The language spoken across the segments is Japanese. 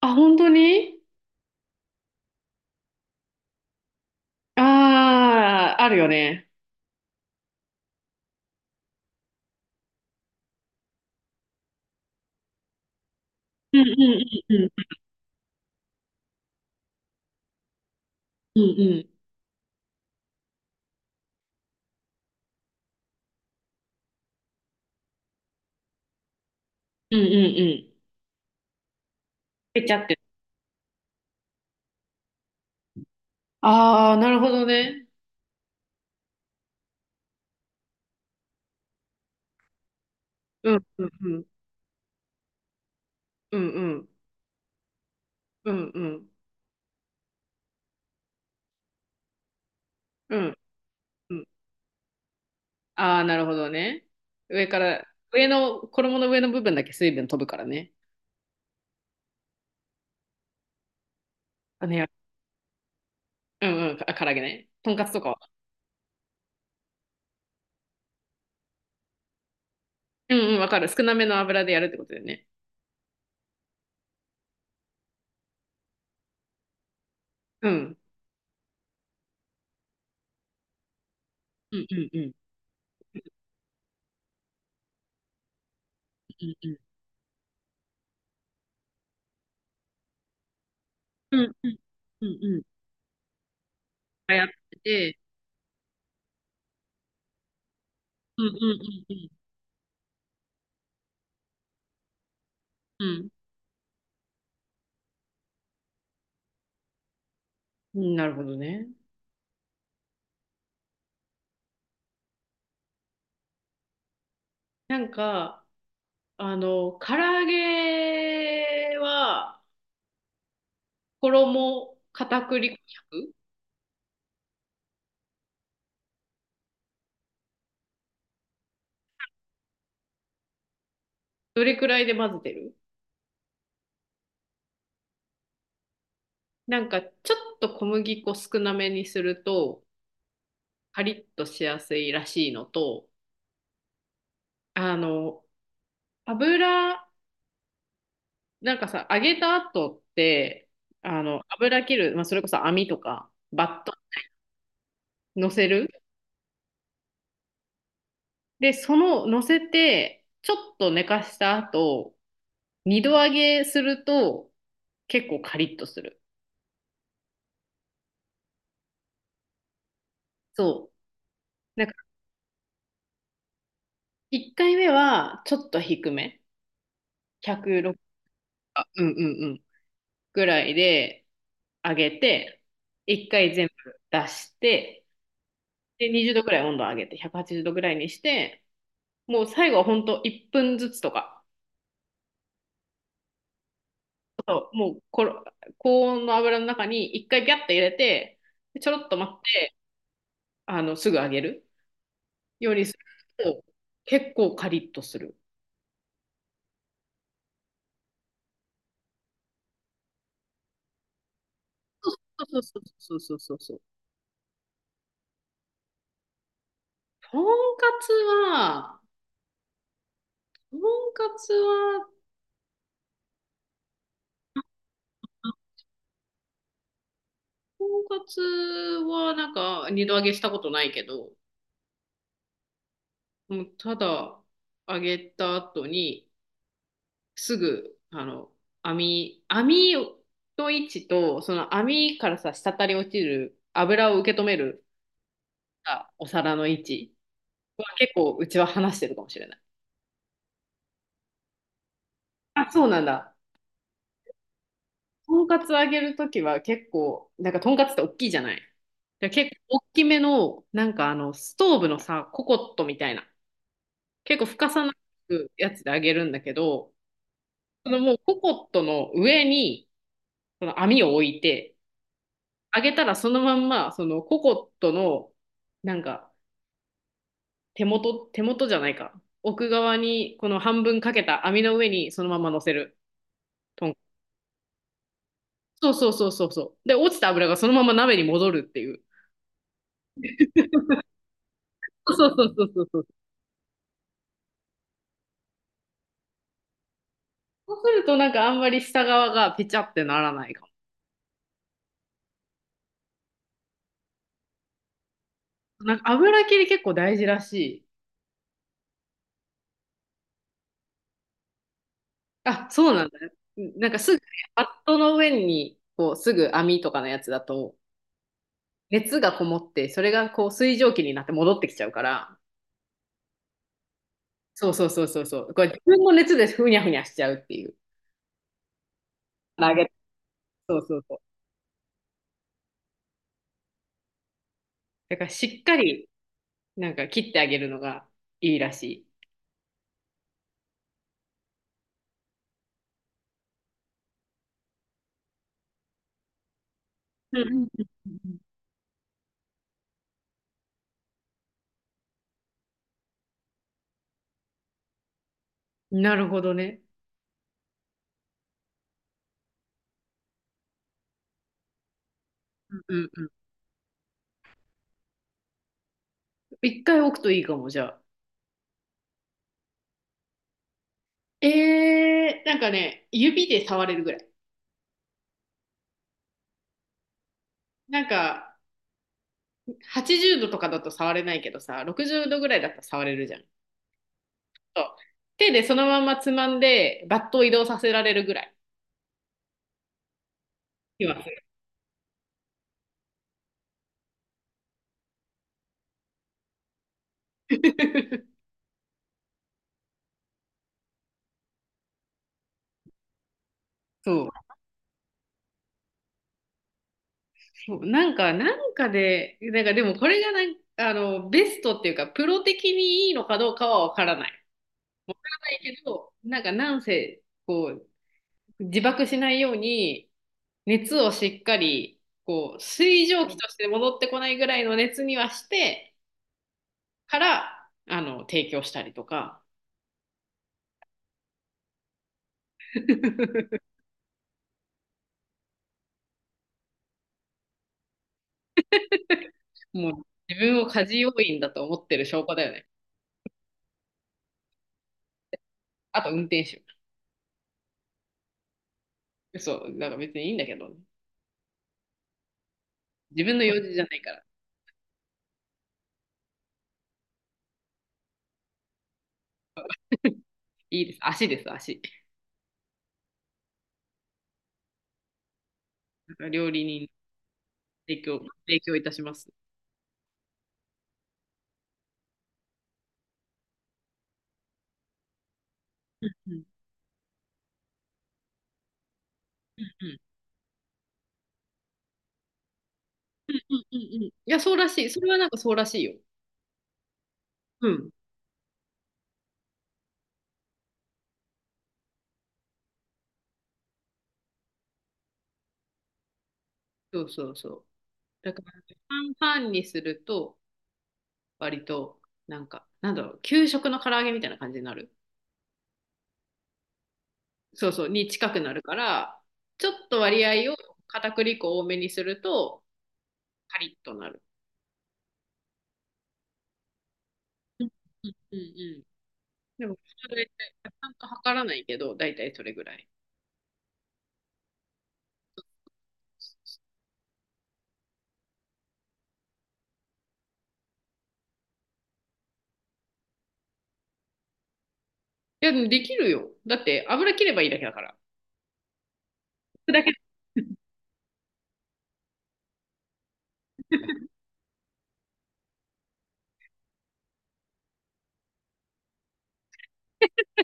あ、本当に。ああー、あるよね。うんうんうんうんうんうんうんうんうん。ぺちゃって。ああ、なるほどね。うんうんうんうんうんうんうんうんうん。ああー、なるほどね。上から、上の、衣の上の部分だけ水分飛ぶからね。あね、うんうん、あ、唐揚げね。とんかつとかは。うんうん、わかる。少なめの油でやるってことだよね。うん。うんうんうんうんうんうんうんうんうんうん。あ、やってて。うんうんうんうんうん。うん、なるほどね。なんか、唐揚げは、衣、片栗粉100。どれくらいで混ぜてる？なんか、ちょっと小麦粉少なめにすると、カリッとしやすいらしいのと、あの、油、なんかさ、揚げた後って、油切る、まあ、それこそ網とか、バット乗せる。で、その、乗せて、ちょっと寝かした後、二度揚げすると結構カリッとする。そう。なんか一回目はちょっと低め。106、うんうんうん、ぐらいで揚げて、一回全部出して、で、20度ぐらい温度上げて、180度ぐらいにして、もう最後はほんと1分ずつとか、もうころ高温の油の中に一回ギャッと入れて、でちょろっと待って、すぐ揚げるようにすると、結構カリッとする。そうそうそうそうそうそう。とんかつは、とんかつは、とんかつはなんか二度揚げしたことないけど、もうただ揚げた後にすぐ網の位置とその網からさ滴り落ちる油を受け止めるさお皿の位置は結構うちは話してるかもしれない。あ、そうなんだ。とんかつ揚げるときは結構、なんかとんかつって大きいじゃない。で結構大きめの、なんかストーブのさ、ココットみたいな、結構深さなくやつで揚げるんだけど、そのもうココットの上にその網を置いて、揚げたらそのまんま、そのココットの、なんか手元、手元じゃないか。奥側にこの半分かけた網の上にそのまま乗せる。とんそうそうそうそうそう。で、落ちた油がそのまま鍋に戻るっていう。そうそうそうそうそう。そうするとなんかあんまり下側がペチャってならないかも。なんか油切り結構大事らしい。あ、そうなんだね。なんかすぐね、バットの上にこうすぐ網とかのやつだと熱がこもってそれがこう水蒸気になって戻ってきちゃうから。そうそうそうそうそう。これ自分の熱でふにゃふにゃしちゃうっていう。投げ、そうそうそう。だからしっかりなんか切ってあげるのがいいらしい。うんうんうんうん、なるほどね。うんうんうん。一回置くといいかも、じゃあ。なんかね、指で触れるぐらい。なんか、80度とかだと触れないけどさ、60度ぐらいだったら触れるじゃん。そう、手でそのままつまんで、バットを移動させられるぐらい。今 そう、そう、なんか、なんかで、なんかでもこれがなんあのベストっていうか、プロ的にいいのかどうかはわからない。ないけど、なんかなんせ、こう、自爆しないように、熱をしっかりこう水蒸気として戻ってこないぐらいの熱にはしてから提供したりとか。 もう自分を家事要員だと思ってる証拠だよね。あと運転手。そう、なんか別にいいんだけどね、自分の用事じゃないから。 いいです、足です、足、料理人、提供、提供いたします。うんうんうんうんうん、いやそうらしい、それはなんかそうらしいよ。うん、そうそう、そう。だから半々にすると割と、なんか、なんだろう、給食の唐揚げみたいな感じになる。そうそう、に近くなるから、ちょっと割合を片栗粉多めにすると、カリッとなる。うんうんうん。でも、大体、ちゃんと測らないけど、大体それぐらい。いや、でもできるよ。だって、油切ればいいだけだから。だけ、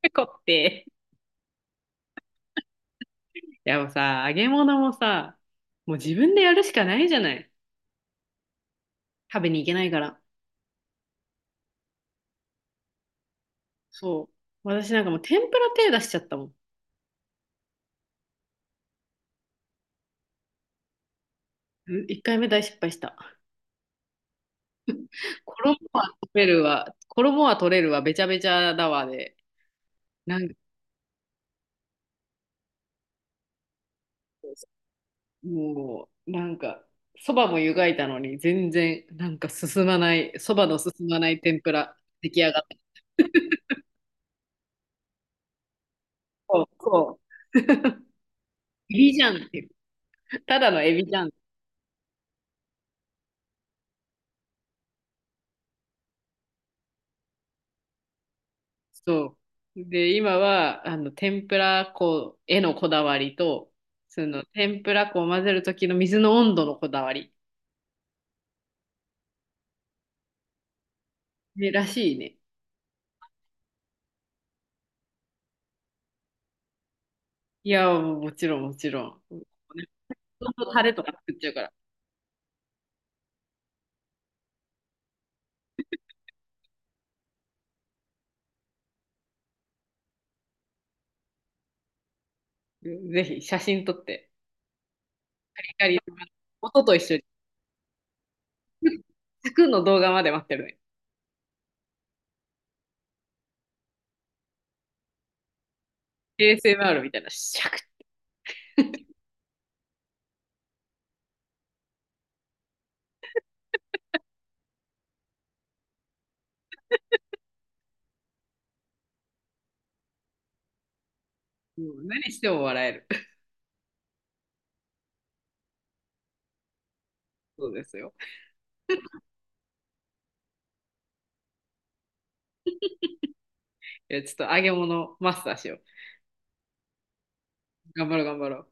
ペコって。いや、もうさ、揚げ物もさ、もう自分でやるしかないじゃない。食べに行けないから。そう。私なんかもう天ぷら手出しちゃったもん。うん、一回目大失敗した。衣は取れるわ、衣は取れるわ、べちゃべちゃだわで、なんか、もう、なんか、そばも湯がいたのに、全然、なんか進まない、そばの進まない天ぷら、出来上がった。そうそう。エビじゃんっていう。ただのエビじゃん。そう。で、今は、天ぷら粉へのこだわりと、その、天ぷら粉を混ぜる時の水の温度のこだわり。ね、らしいね。いや、もちろん、もちろん。ね、ほとんどタレとか作っちゃうから。ぜひ写真撮って、光、音と一緒に、サクッの動画まで待ってるね。ASMR みたいな、シャクッ。もう何しても笑える。そうですよ。いや、ちょっと揚げ物マスターしよう。頑張ろう、頑張ろう。